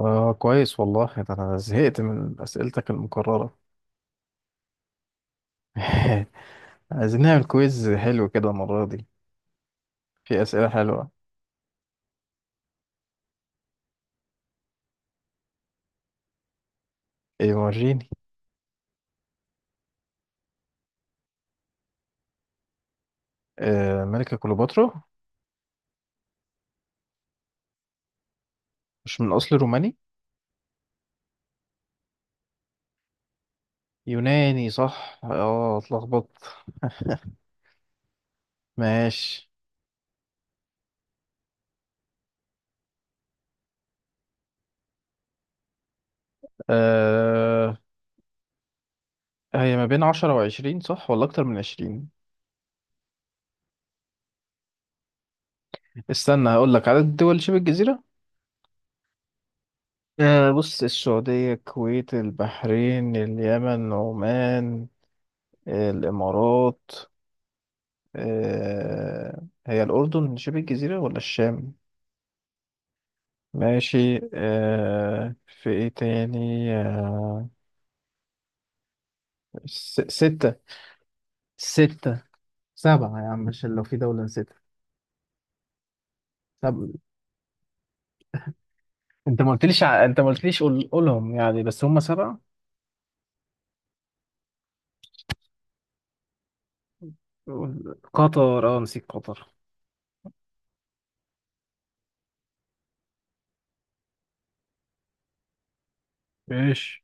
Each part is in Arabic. آه، كويس والله، ده أنا زهقت من أسئلتك المكررة. عايزين نعمل كويز حلو كده المرة دي. في أسئلة حلوة. إيه؟ وريني. آه، ملكة كليوباترا. مش من أصل روماني؟ يوناني صح، اتلخبطت. ماشي. آه، هي ما بين 10 و20 صح، ولا أكتر من 20؟ استنى هقول لك عدد الدول شبه الجزيرة. آه، بص: السعودية، الكويت، البحرين، اليمن، عمان، الإمارات. آه، هي الأردن شبه الجزيرة ولا الشام؟ ماشي. آه، في إيه تاني؟ ستة. ستة، سبعة يا عم، عشان لو في دولة ستة. طب انت ما قلتليش، انت ما قلتليش، قولهم يعني، بس هم سبعة. قطر، نسيت قطر. ماشي.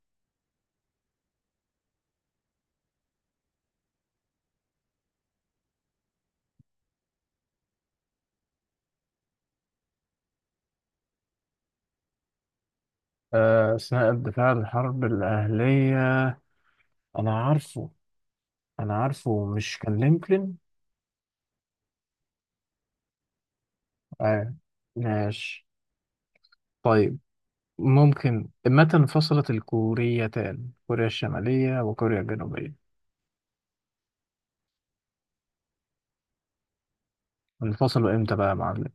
أثناء الدفاع عن الحرب الأهلية، أنا عارفه، مش كان لينكولن؟ آه. ماشي. طيب، ممكن متى انفصلت الكوريتان، كوريا الشمالية وكوريا الجنوبية؟ انفصلوا امتى بقى يا معلم؟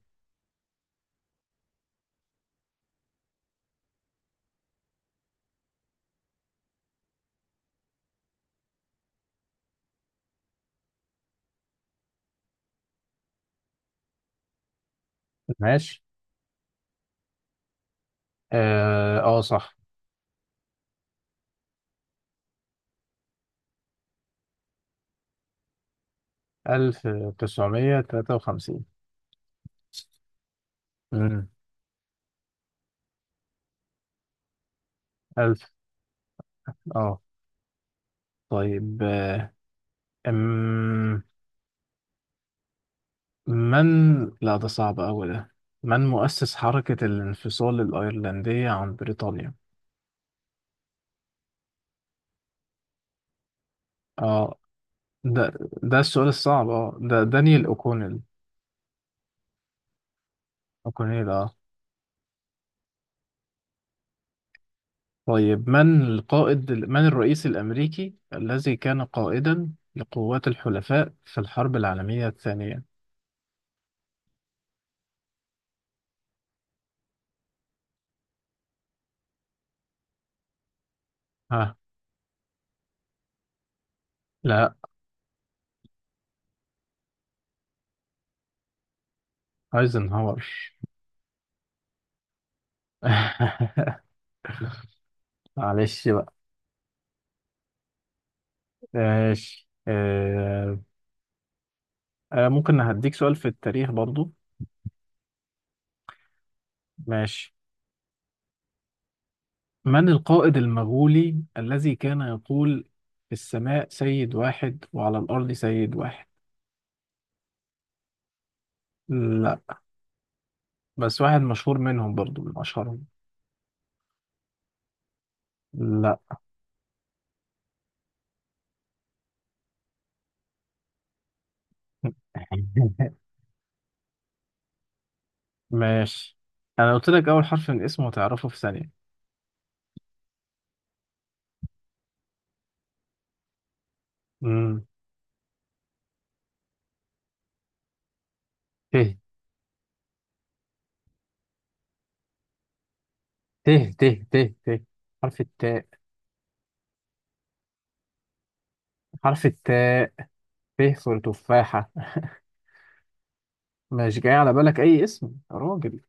ماشي. اه آه، صح. 1953. امم ألف. اه طيب. أم... لا، ده صعب أوي ده. من مؤسس حركة الانفصال الأيرلندية عن بريطانيا؟ اه ده ده السؤال الصعب. اه ده دانيال أوكونيل. أوكونيل، طيب. من الرئيس الأمريكي الذي كان قائدا لقوات الحلفاء في الحرب العالمية الثانية؟ ها. لا. ايزنهاور. معلش بقى. ماشي. ممكن هديك سؤال في التاريخ برضو. ماشي. من القائد المغولي الذي كان يقول في السماء سيد واحد وعلى الأرض سيد واحد؟ لا، بس واحد مشهور منهم برضو، من أشهرهم. لا. ماشي. انا قلت لك اول حرف من اسمه هتعرفه في ثانية. امم ت. ت. ت. ت. ت. حرف التاء. حرف التاء. ت، صورة تفاحة. مش جاي على بالك أي اسم يا راجل؟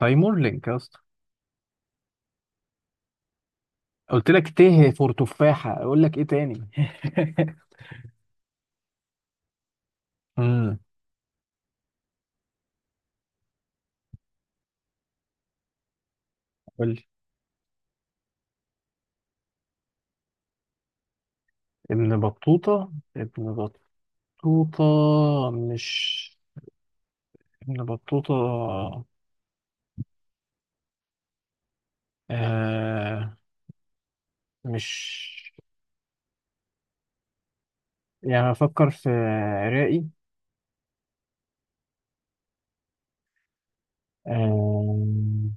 تايمور لينك يا اسطى. قلت لك ت، فور تفاحة، أقول لك إيه تاني. امم. قول لي. ابن بطوطة، ابن بطوطة، مش... ابن بطوطة آه مش... يعني أفكر في رائي. آه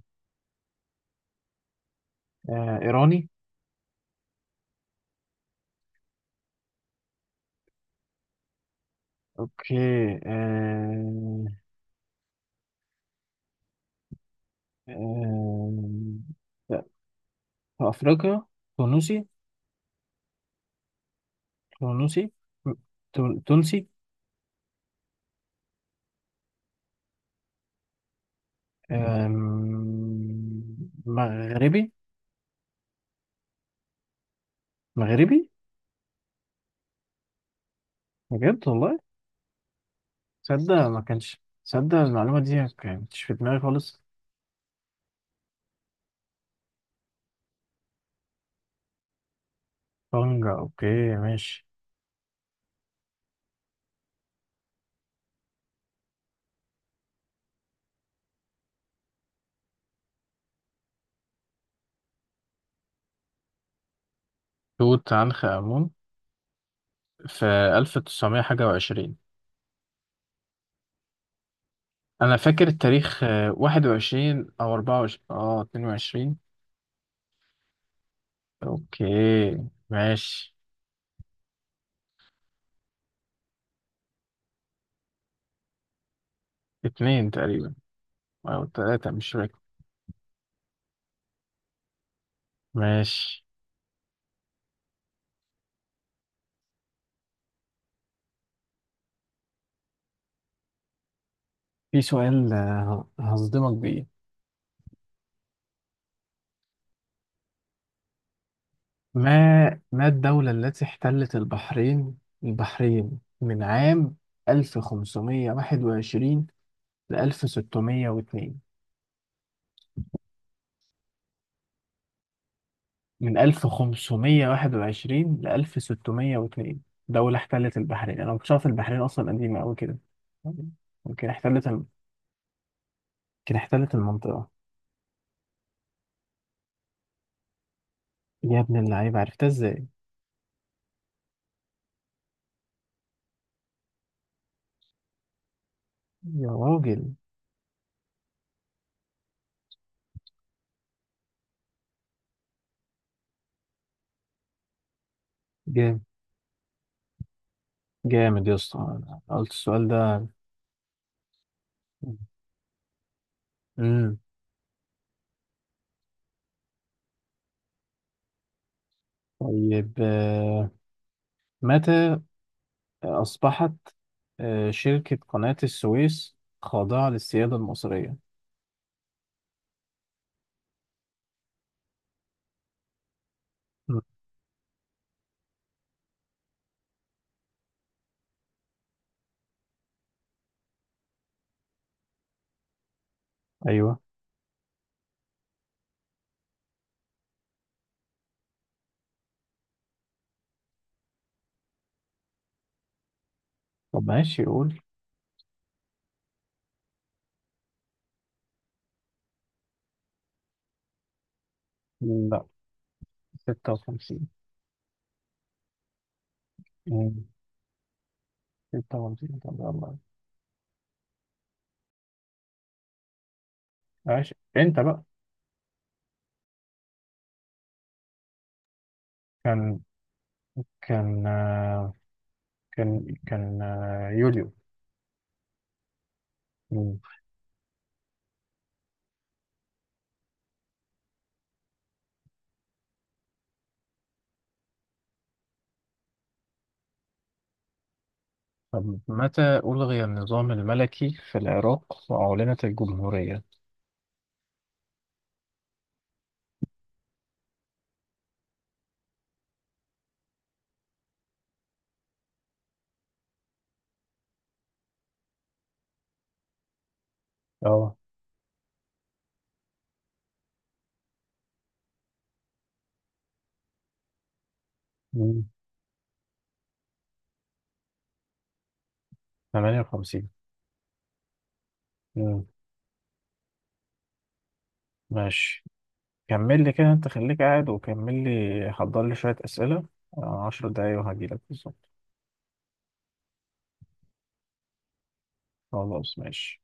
آه، إيراني. أوكي. آه آه آه، في أفريقيا. تونسي. تونسي. تونسي. آم، مغربي. مغربي، بجد والله. تصدق؟ ما كانش، تصدق، المعلومة دي ما كانتش في دماغي خالص. طنجة. أوكي، ماشي. توت عنخ آمون. في ألف تسعمية حاجة وعشرين. أنا فاكر التاريخ، 21 أو 24، 22. اوكي، ماشي. اتنين تقريبا او تلاتة، مش فاكر. ماشي. في سؤال هصدمك بيه. ما الدولة التي احتلت البحرين، من عام 1521 ل 1602؟ من 1521 ل 1602. دولة احتلت البحرين! انا ما كنتش عارف البحرين اصلا قديمة قوي كده. ممكن احتلت الم- ممكن احتلت المنطقة. يا ابن اللعيبة، عرفتها ازاي؟ يا راجل. جامد. جامد يا اسطى، أنا قلت السؤال ده. امم. طيب، متى أصبحت شركة قناة السويس خاضعة للسيادة المصرية؟ مم. أيوه. طب ماشي، قول. لا، 56. مم. 56. طب يلا. ماشي، أنت بقى. كان كان يوليو. مم. طب متى ألغي النظام الملكي في العراق وأعلنت الجمهورية؟ اه. مم. 58. مم. ماشي. كمل لي كده، انت خليك قاعد وكمل لي، حضر لي شوية أسئلة. 10 دقايق وهجيلك بالظبط. خلاص، ماشي.